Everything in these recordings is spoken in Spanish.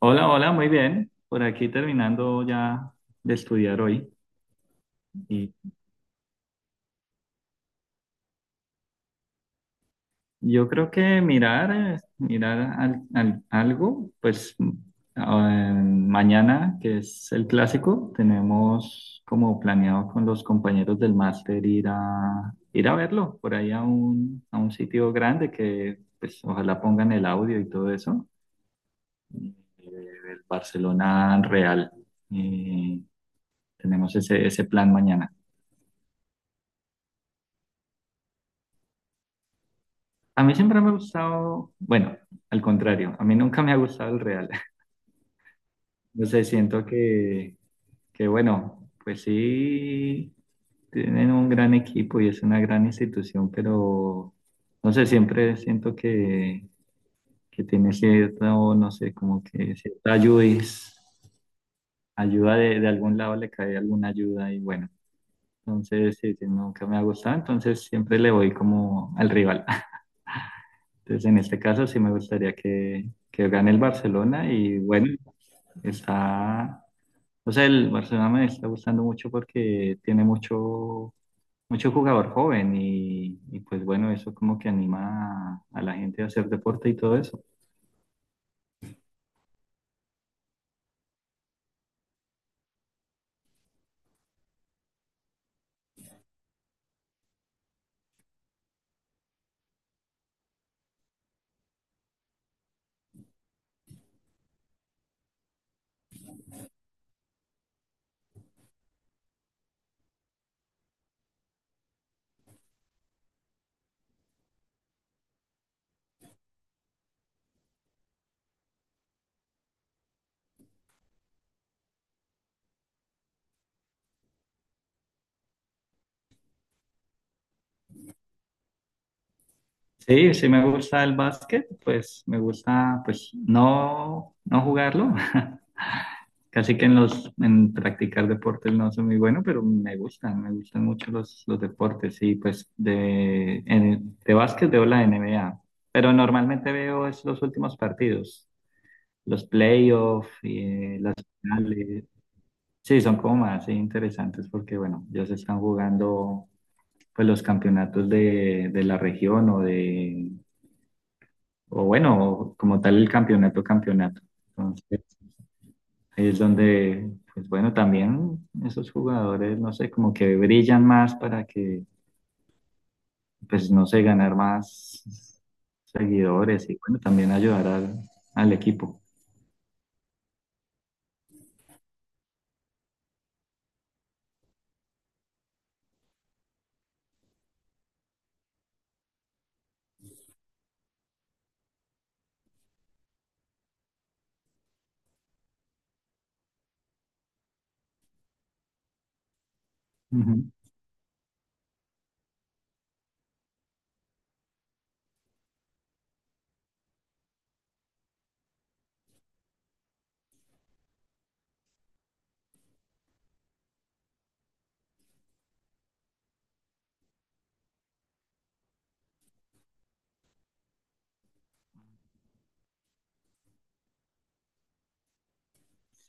Hola, hola, muy bien. Por aquí terminando ya de estudiar hoy. Y yo creo que mirar, mirar algo, mañana, que es el clásico, tenemos como planeado con los compañeros del máster ir a verlo por ahí a a un sitio grande que pues ojalá pongan el audio y todo eso. eh, El Barcelona Real. Y tenemos ese plan mañana. A mí siempre me ha gustado, bueno, al contrario, a mí nunca me ha gustado el real. No sé, que bueno, pues sí, tienen un gran equipo y es una gran institución, pero no sé, siempre siento que tiene cierto, no sé, como que cierta ayuda, ayuda de algún lado le cae alguna ayuda y bueno, entonces sí, sí, nunca me ha gustado, entonces siempre le voy como al rival. Entonces, en este caso sí me gustaría que gane el Barcelona y bueno, está, o sea, el Barcelona me está gustando mucho porque tiene mucho, mucho jugador joven y pues bueno, eso como que anima a la gente a hacer deporte y todo eso. Sí, sí me gusta el básquet, pues me gusta pues no, no jugarlo. Casi que en los en practicar deportes no soy muy bueno, pero me gustan mucho los deportes. Y pues de básquet veo la NBA, pero normalmente veo es los últimos partidos, los playoffs y las finales. Sí, son como más sí, interesantes porque bueno, ya se están jugando pues los campeonatos de la región o de o bueno, como tal el campeonato. Entonces, ahí es donde, pues bueno, también esos jugadores, no sé, como que brillan más para que, pues no sé, ganar más seguidores y bueno, también ayudar al equipo. Ujú.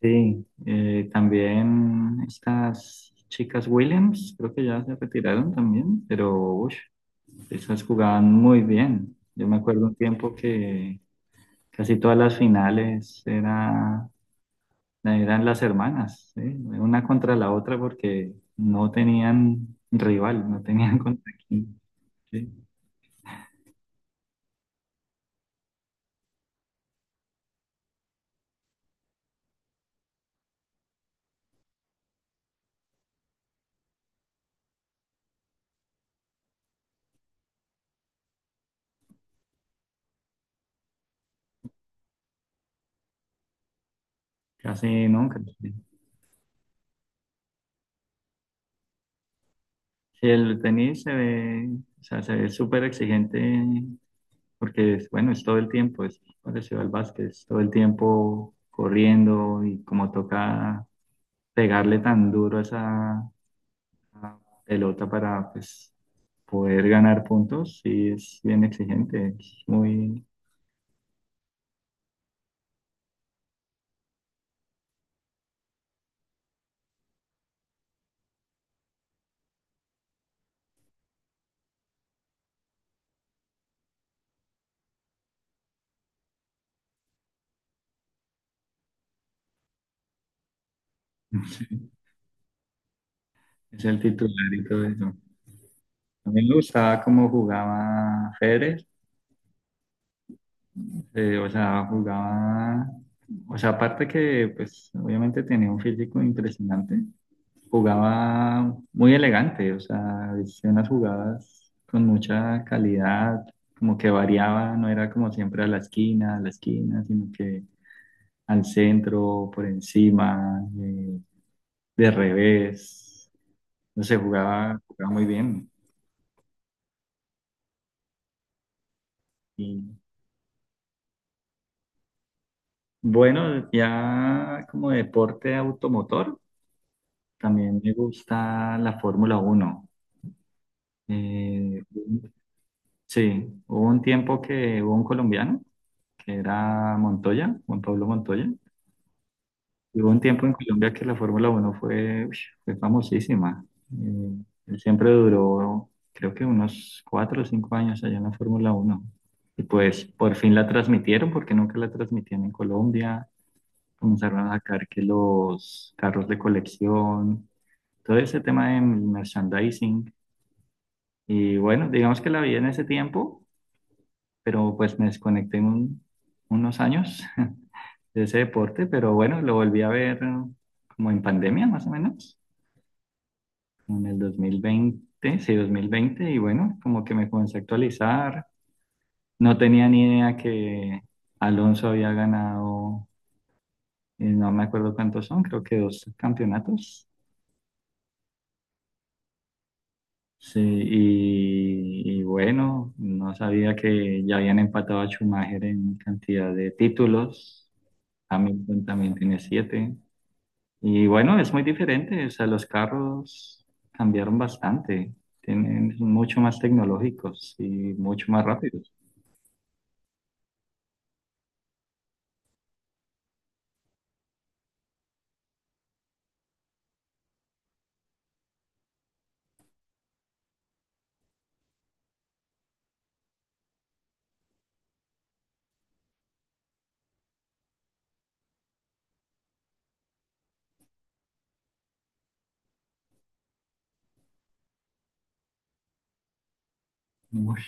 Sí, también estas chicas Williams, creo que ya se retiraron también, pero ush, esas jugaban muy bien. Yo me acuerdo un tiempo que casi todas las finales era. Eran las hermanas, ¿sí? Una contra la otra porque no tenían rival, no tenían contra quién, ¿sí? Casi nunca. ¿Sí? Sí, el tenis se ve, o sea, se ve súper exigente porque, bueno, es todo el tiempo, es parecido al básquet, es todo el tiempo corriendo y como toca pegarle tan duro a esa a pelota para, pues, poder ganar puntos, sí es bien exigente, es muy... Es el titular y todo eso. A mí me gustaba cómo jugaba Federer, jugaba, o sea, aparte que pues obviamente tenía un físico impresionante, jugaba muy elegante, o sea, hacía unas jugadas con mucha calidad, como que variaba, no era como siempre a la esquina, sino que al centro, por encima, de revés, no sé, jugaba muy bien. Y bueno, ya como deporte automotor, también me gusta la Fórmula Uno. Eh, sí, hubo un tiempo que hubo un colombiano, que era Montoya, Juan Pablo Montoya. Y hubo un tiempo en Colombia que la Fórmula Uno fue, uy, fue famosísima. Eh, Él siempre duró, creo que unos cuatro o cinco años allá en la Fórmula Uno. Y pues por fin la transmitieron, porque nunca la transmitían en Colombia. Comenzaron a sacar que los carros de colección, todo ese tema de merchandising. Y bueno, digamos que la vi en ese tiempo, pero pues me desconecté unos años de ese deporte, pero bueno, lo volví a ver como en pandemia más o menos, en el 2020, sí, 2020, y bueno, como que me comencé a actualizar. No tenía ni idea que Alonso había ganado, no me acuerdo cuántos son, creo que dos campeonatos. Sí, y bueno, no sabía que ya habían empatado a Schumacher en cantidad de títulos. Hamilton también tiene 7. Y bueno, es muy diferente, o sea, los carros cambiaron bastante. Tienen, son mucho más tecnológicos y mucho más rápidos. Uy,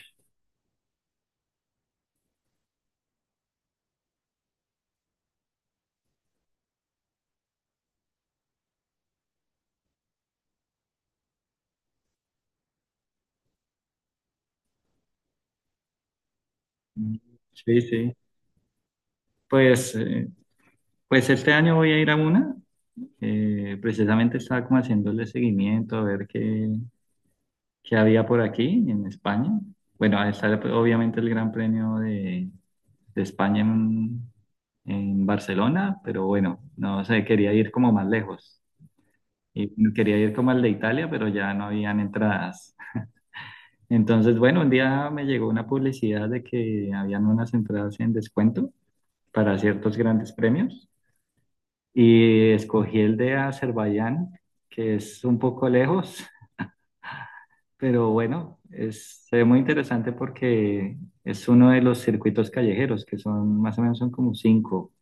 sí, sí. Pues, pues este año voy a ir a una. Precisamente estaba como haciéndole seguimiento a ver qué, que había por aquí en España. Bueno, ahí está obviamente el Gran Premio de España en Barcelona, pero bueno, no sé, quería ir como más lejos. Y quería ir como al de Italia, pero ya no habían entradas. Entonces, bueno, un día me llegó una publicidad de que habían unas entradas en descuento para ciertos grandes premios y escogí el de Azerbaiyán, que es un poco lejos. Pero bueno, es, se ve muy interesante porque es uno de los circuitos callejeros, que son más o menos son como 5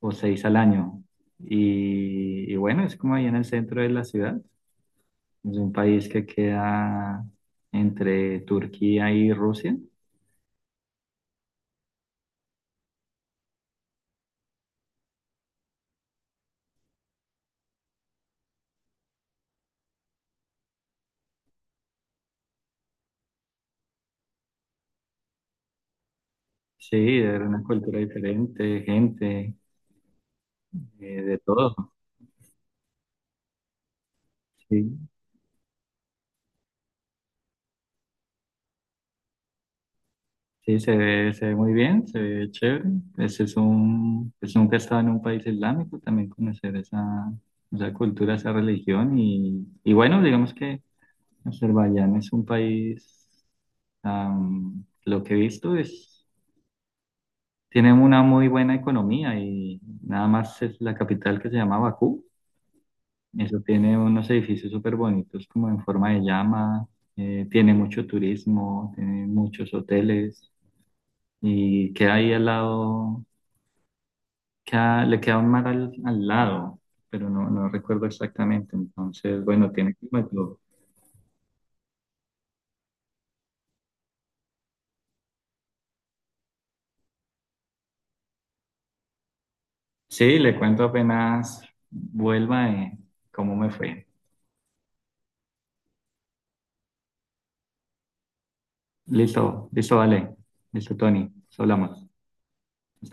o seis al año. Y bueno, es como ahí en el centro de la ciudad. Es un país que queda entre Turquía y Rusia. Sí, era una cultura diferente, gente, de todo. Sí. Sí, se ve muy bien, se ve chévere. Pues es un, pues nunca he estado en un país islámico, también conocer esa, esa cultura, esa religión. Y bueno, digamos que Azerbaiyán es un país, am, lo que he visto es, tiene una muy buena economía y nada más es la capital que se llama Bakú. Eso tiene unos edificios súper bonitos como en forma de llama, tiene mucho turismo, tiene muchos hoteles y queda ahí al lado. Queda- le queda un mar al lado, pero no, no recuerdo exactamente. Entonces, bueno, tiene como todo. Sí, le cuento apenas vuelva cómo me fue. Listo, listo, vale. Listo, Tony. Hablamos.